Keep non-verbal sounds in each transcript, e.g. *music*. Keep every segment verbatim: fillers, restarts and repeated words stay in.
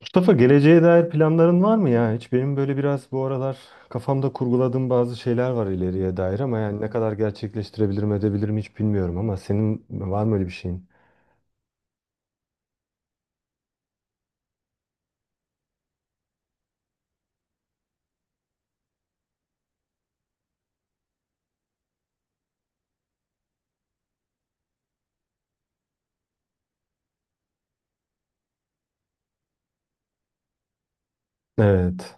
Mustafa geleceğe dair planların var mı ya? Hiç benim böyle biraz bu aralar kafamda kurguladığım bazı şeyler var ileriye dair ama yani ne kadar gerçekleştirebilirim edebilirim hiç bilmiyorum ama senin var mı öyle bir şeyin? Evet.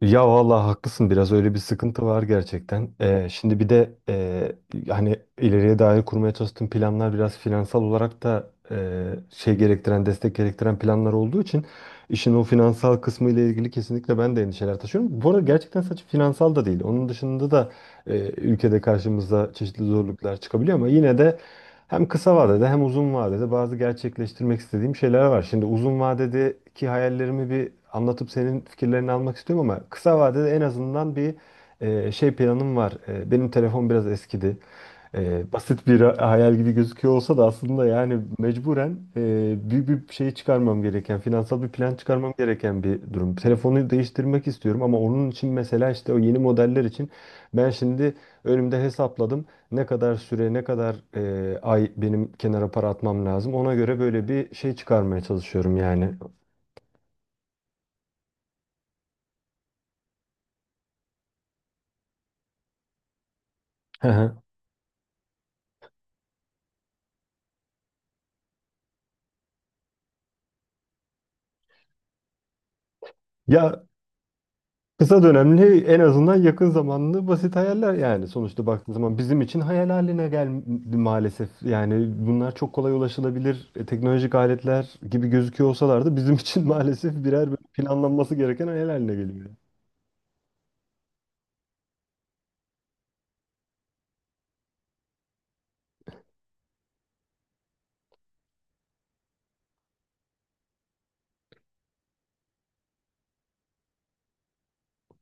Ya vallahi haklısın biraz öyle bir sıkıntı var gerçekten. Ee, şimdi bir de e, hani ileriye dair kurmaya çalıştığım planlar biraz finansal olarak da e, şey gerektiren, destek gerektiren planlar olduğu için işin o finansal kısmı ile ilgili kesinlikle ben de endişeler taşıyorum. Bu arada gerçekten sadece finansal da değil. Onun dışında da e, ülkede karşımıza çeşitli zorluklar çıkabiliyor ama yine de hem kısa vadede hem uzun vadede bazı gerçekleştirmek istediğim şeyler var. Şimdi uzun vadedeki hayallerimi bir anlatıp senin fikirlerini almak istiyorum ama kısa vadede en azından bir e, şey planım var. E, benim telefon biraz eskidi. E, basit bir *laughs* ha- hayal gibi gözüküyor olsa da aslında yani mecburen e, büyük bir şey çıkarmam gereken, finansal bir plan çıkarmam gereken bir durum. Telefonu değiştirmek istiyorum ama onun için mesela işte o yeni modeller için ben şimdi önümde hesapladım. Ne kadar süre, ne kadar e, ay benim kenara para atmam lazım. Ona göre böyle bir şey çıkarmaya çalışıyorum yani. Hı hı. Ya kısa dönemli en azından yakın zamanlı basit hayaller yani. Sonuçta baktığın zaman bizim için hayal haline geldi maalesef. Yani bunlar çok kolay ulaşılabilir e, teknolojik aletler gibi gözüküyor olsalar da bizim için *laughs* maalesef birer böyle planlanması gereken hayal haline geliyor.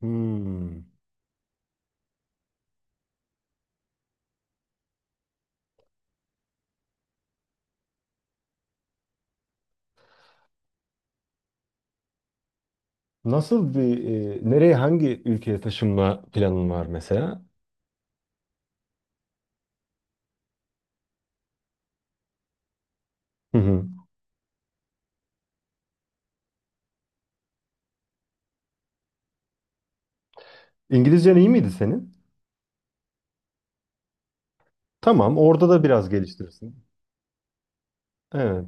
Hmm. Nasıl bir e, nereye hangi ülkeye taşınma planın var mesela? Hı hı. İngilizcen iyi miydi senin? Tamam, orada da biraz geliştirirsin. Evet.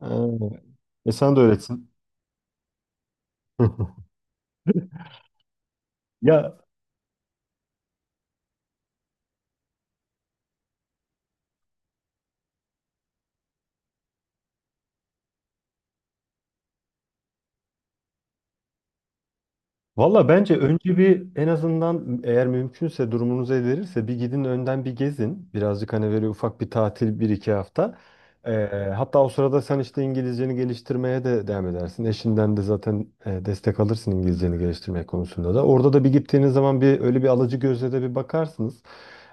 Ee, e, sana da öğretsin. *laughs* Ya valla bence önce bir en azından eğer mümkünse durumunuz el verirse bir gidin önden bir gezin. Birazcık hani böyle ufak bir tatil bir iki hafta. Ee, hatta o sırada sen işte İngilizceni geliştirmeye de devam edersin. Eşinden de zaten e, destek alırsın İngilizceni geliştirmek konusunda da. Orada da bir gittiğiniz zaman bir öyle bir alıcı gözle de bir bakarsınız.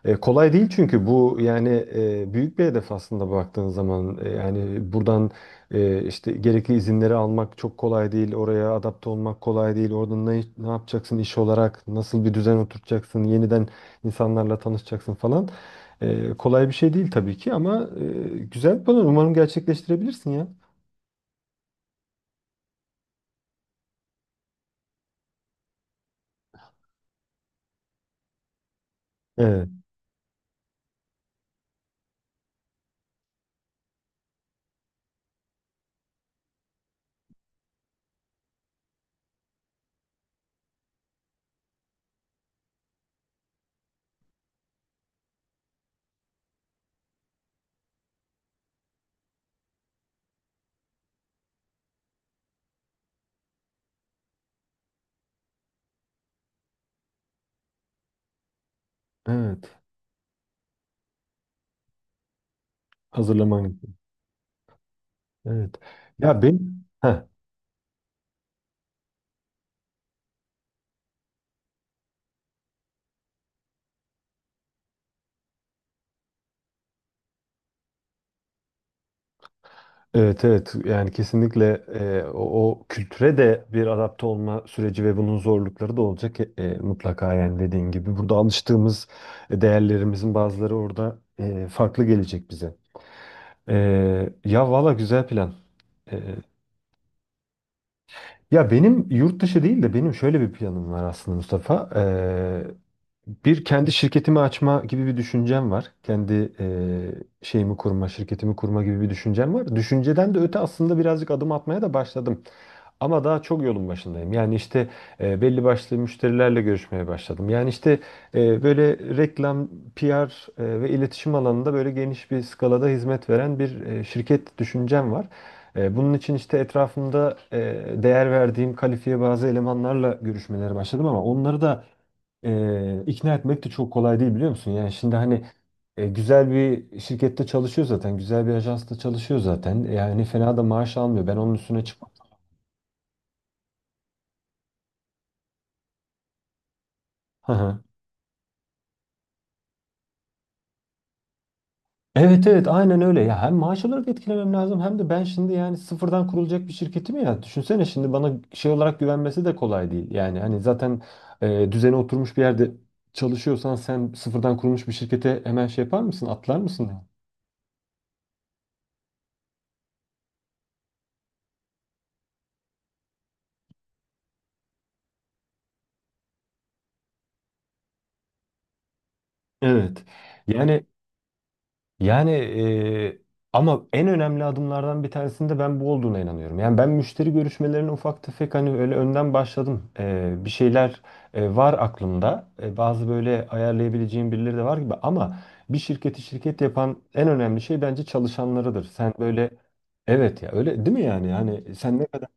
E, kolay değil çünkü bu yani e, büyük bir hedef aslında baktığın zaman. E, yani buradan ee, işte gerekli izinleri almak çok kolay değil. Oraya adapte olmak kolay değil. Orada ne, ne yapacaksın iş olarak? Nasıl bir düzen oturtacaksın? Yeniden insanlarla tanışacaksın falan. Ee, kolay bir şey değil tabii ki ama e, güzel bir plan. Umarım gerçekleştirebilirsin ya. Evet, evet. Hazırlaman gibi. Evet. Ya ben. Heh. Evet, evet, yani kesinlikle e, o, o kültüre de bir adapte olma süreci ve bunun zorlukları da olacak e, e, mutlaka yani dediğin gibi. Burada alıştığımız e, değerlerimizin bazıları orada e, farklı gelecek bize. E, ya valla güzel plan. E, ya benim yurt dışı değil de benim şöyle bir planım var aslında Mustafa. E, Bir kendi şirketimi açma gibi bir düşüncem var. Kendi e, şeyimi kurma, şirketimi kurma gibi bir düşüncem var. Düşünceden de öte aslında birazcık adım atmaya da başladım. Ama daha çok yolun başındayım. Yani işte e, belli başlı müşterilerle görüşmeye başladım. Yani işte e, böyle reklam, P R e, ve iletişim alanında böyle geniş bir skalada hizmet veren bir e, şirket düşüncem var. E, bunun için işte etrafımda e, değer verdiğim kalifiye bazı elemanlarla görüşmelere başladım ama onları da e, ikna etmek de çok kolay değil biliyor musun? Yani şimdi hani e, güzel bir şirkette çalışıyor zaten, güzel bir ajansta çalışıyor zaten. E, Yani fena da maaş almıyor. Ben onun üstüne çıkmam. Hı hı. Evet, evet, aynen öyle. Ya hem maaş olarak etkilemem lazım hem de ben şimdi yani sıfırdan kurulacak bir şirketim ya. Düşünsene şimdi bana şey olarak güvenmesi de kolay değil. Yani hani zaten e, düzene oturmuş bir yerde çalışıyorsan sen sıfırdan kurulmuş bir şirkete hemen şey yapar mısın? Atlar mısın? Evet. Yani Yani e, ama en önemli adımlardan bir tanesinde ben bu olduğuna inanıyorum. Yani ben müşteri görüşmelerine ufak tefek hani öyle önden başladım. E, bir şeyler e, var aklımda. E, bazı böyle ayarlayabileceğim birileri de var gibi ama bir şirketi şirket yapan en önemli şey bence çalışanlarıdır. Sen böyle evet ya, öyle değil mi yani? Yani sen ne kadar.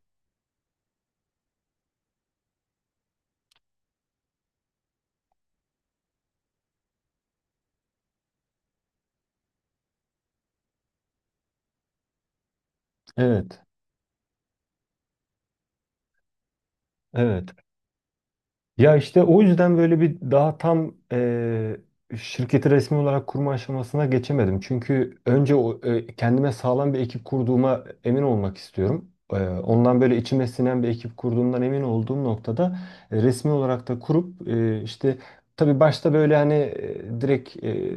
Evet. Evet. Ya işte o yüzden böyle bir daha tam eee, şirketi resmi olarak kurma aşamasına geçemedim. Çünkü önce o, e, kendime sağlam bir ekip kurduğuma emin olmak istiyorum. Eee, ondan böyle içime sinen bir ekip kurduğumdan emin olduğum noktada e, resmi olarak da kurup e, işte tabii başta böyle hani e, direkt e,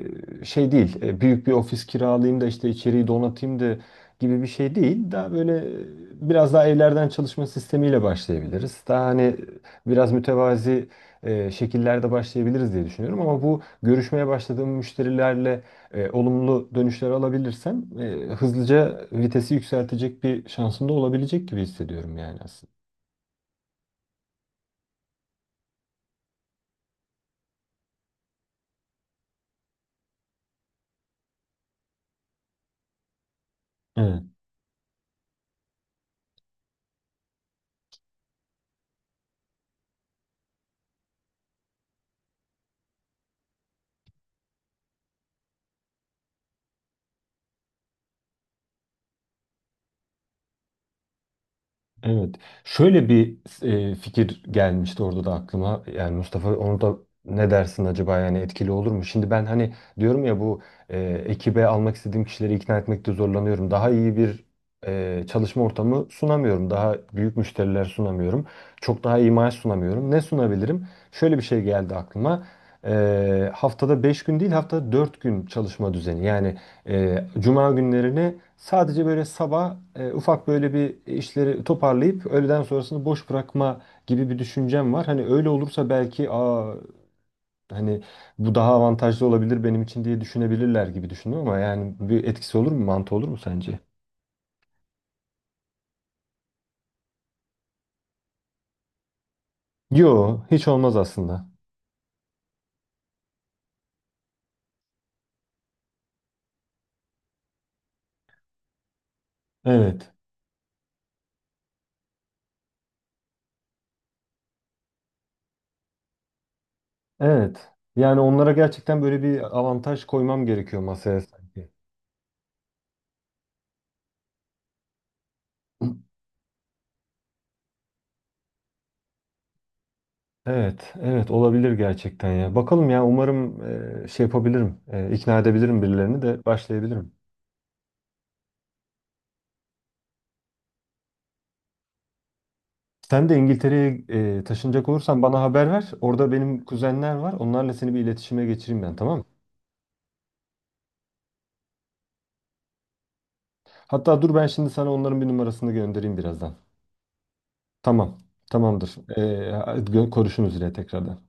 şey değil e, büyük bir ofis kiralayayım da işte içeriği donatayım da gibi bir şey değil. Daha böyle e, biraz daha evlerden çalışma sistemiyle başlayabiliriz. Daha hani biraz mütevazi e, şekillerde başlayabiliriz diye düşünüyorum. Ama bu görüşmeye başladığım müşterilerle e, olumlu dönüşler alabilirsem e, hızlıca vitesi yükseltecek bir şansım da olabilecek gibi hissediyorum yani aslında. Evet. Şöyle bir e, fikir gelmişti orada da aklıma. Yani Mustafa onu da ne dersin acaba yani etkili olur mu? Şimdi ben hani diyorum ya bu e, ekibe almak istediğim kişileri ikna etmekte zorlanıyorum. Daha iyi bir e, çalışma ortamı sunamıyorum. Daha büyük müşteriler sunamıyorum. Çok daha iyi maaş sunamıyorum. Ne sunabilirim? Şöyle bir şey geldi aklıma. E, haftada beş gün değil haftada dört gün çalışma düzeni. Yani e, Cuma günlerini sadece böyle sabah e, ufak böyle bir işleri toparlayıp öğleden sonrasını boş bırakma gibi bir düşüncem var. Hani öyle olursa belki aa hani bu daha avantajlı olabilir benim için diye düşünebilirler gibi düşündüm ama yani bir etkisi olur mu, mantı olur mu sence? Yo, hiç olmaz aslında. Evet. Evet. Yani onlara gerçekten böyle bir avantaj koymam gerekiyor masaya sanki. Evet, evet, olabilir gerçekten ya. Bakalım ya umarım e, şey yapabilirim, e, ikna edebilirim birilerini de başlayabilirim. Sen de İngiltere'ye e, taşınacak olursan bana haber ver. Orada benim kuzenler var. Onlarla seni bir iletişime geçireyim ben, tamam mı? Hatta dur ben şimdi sana onların bir numarasını göndereyim birazdan. Tamam, tamamdır. E, gö- konuşuruz yine tekrardan.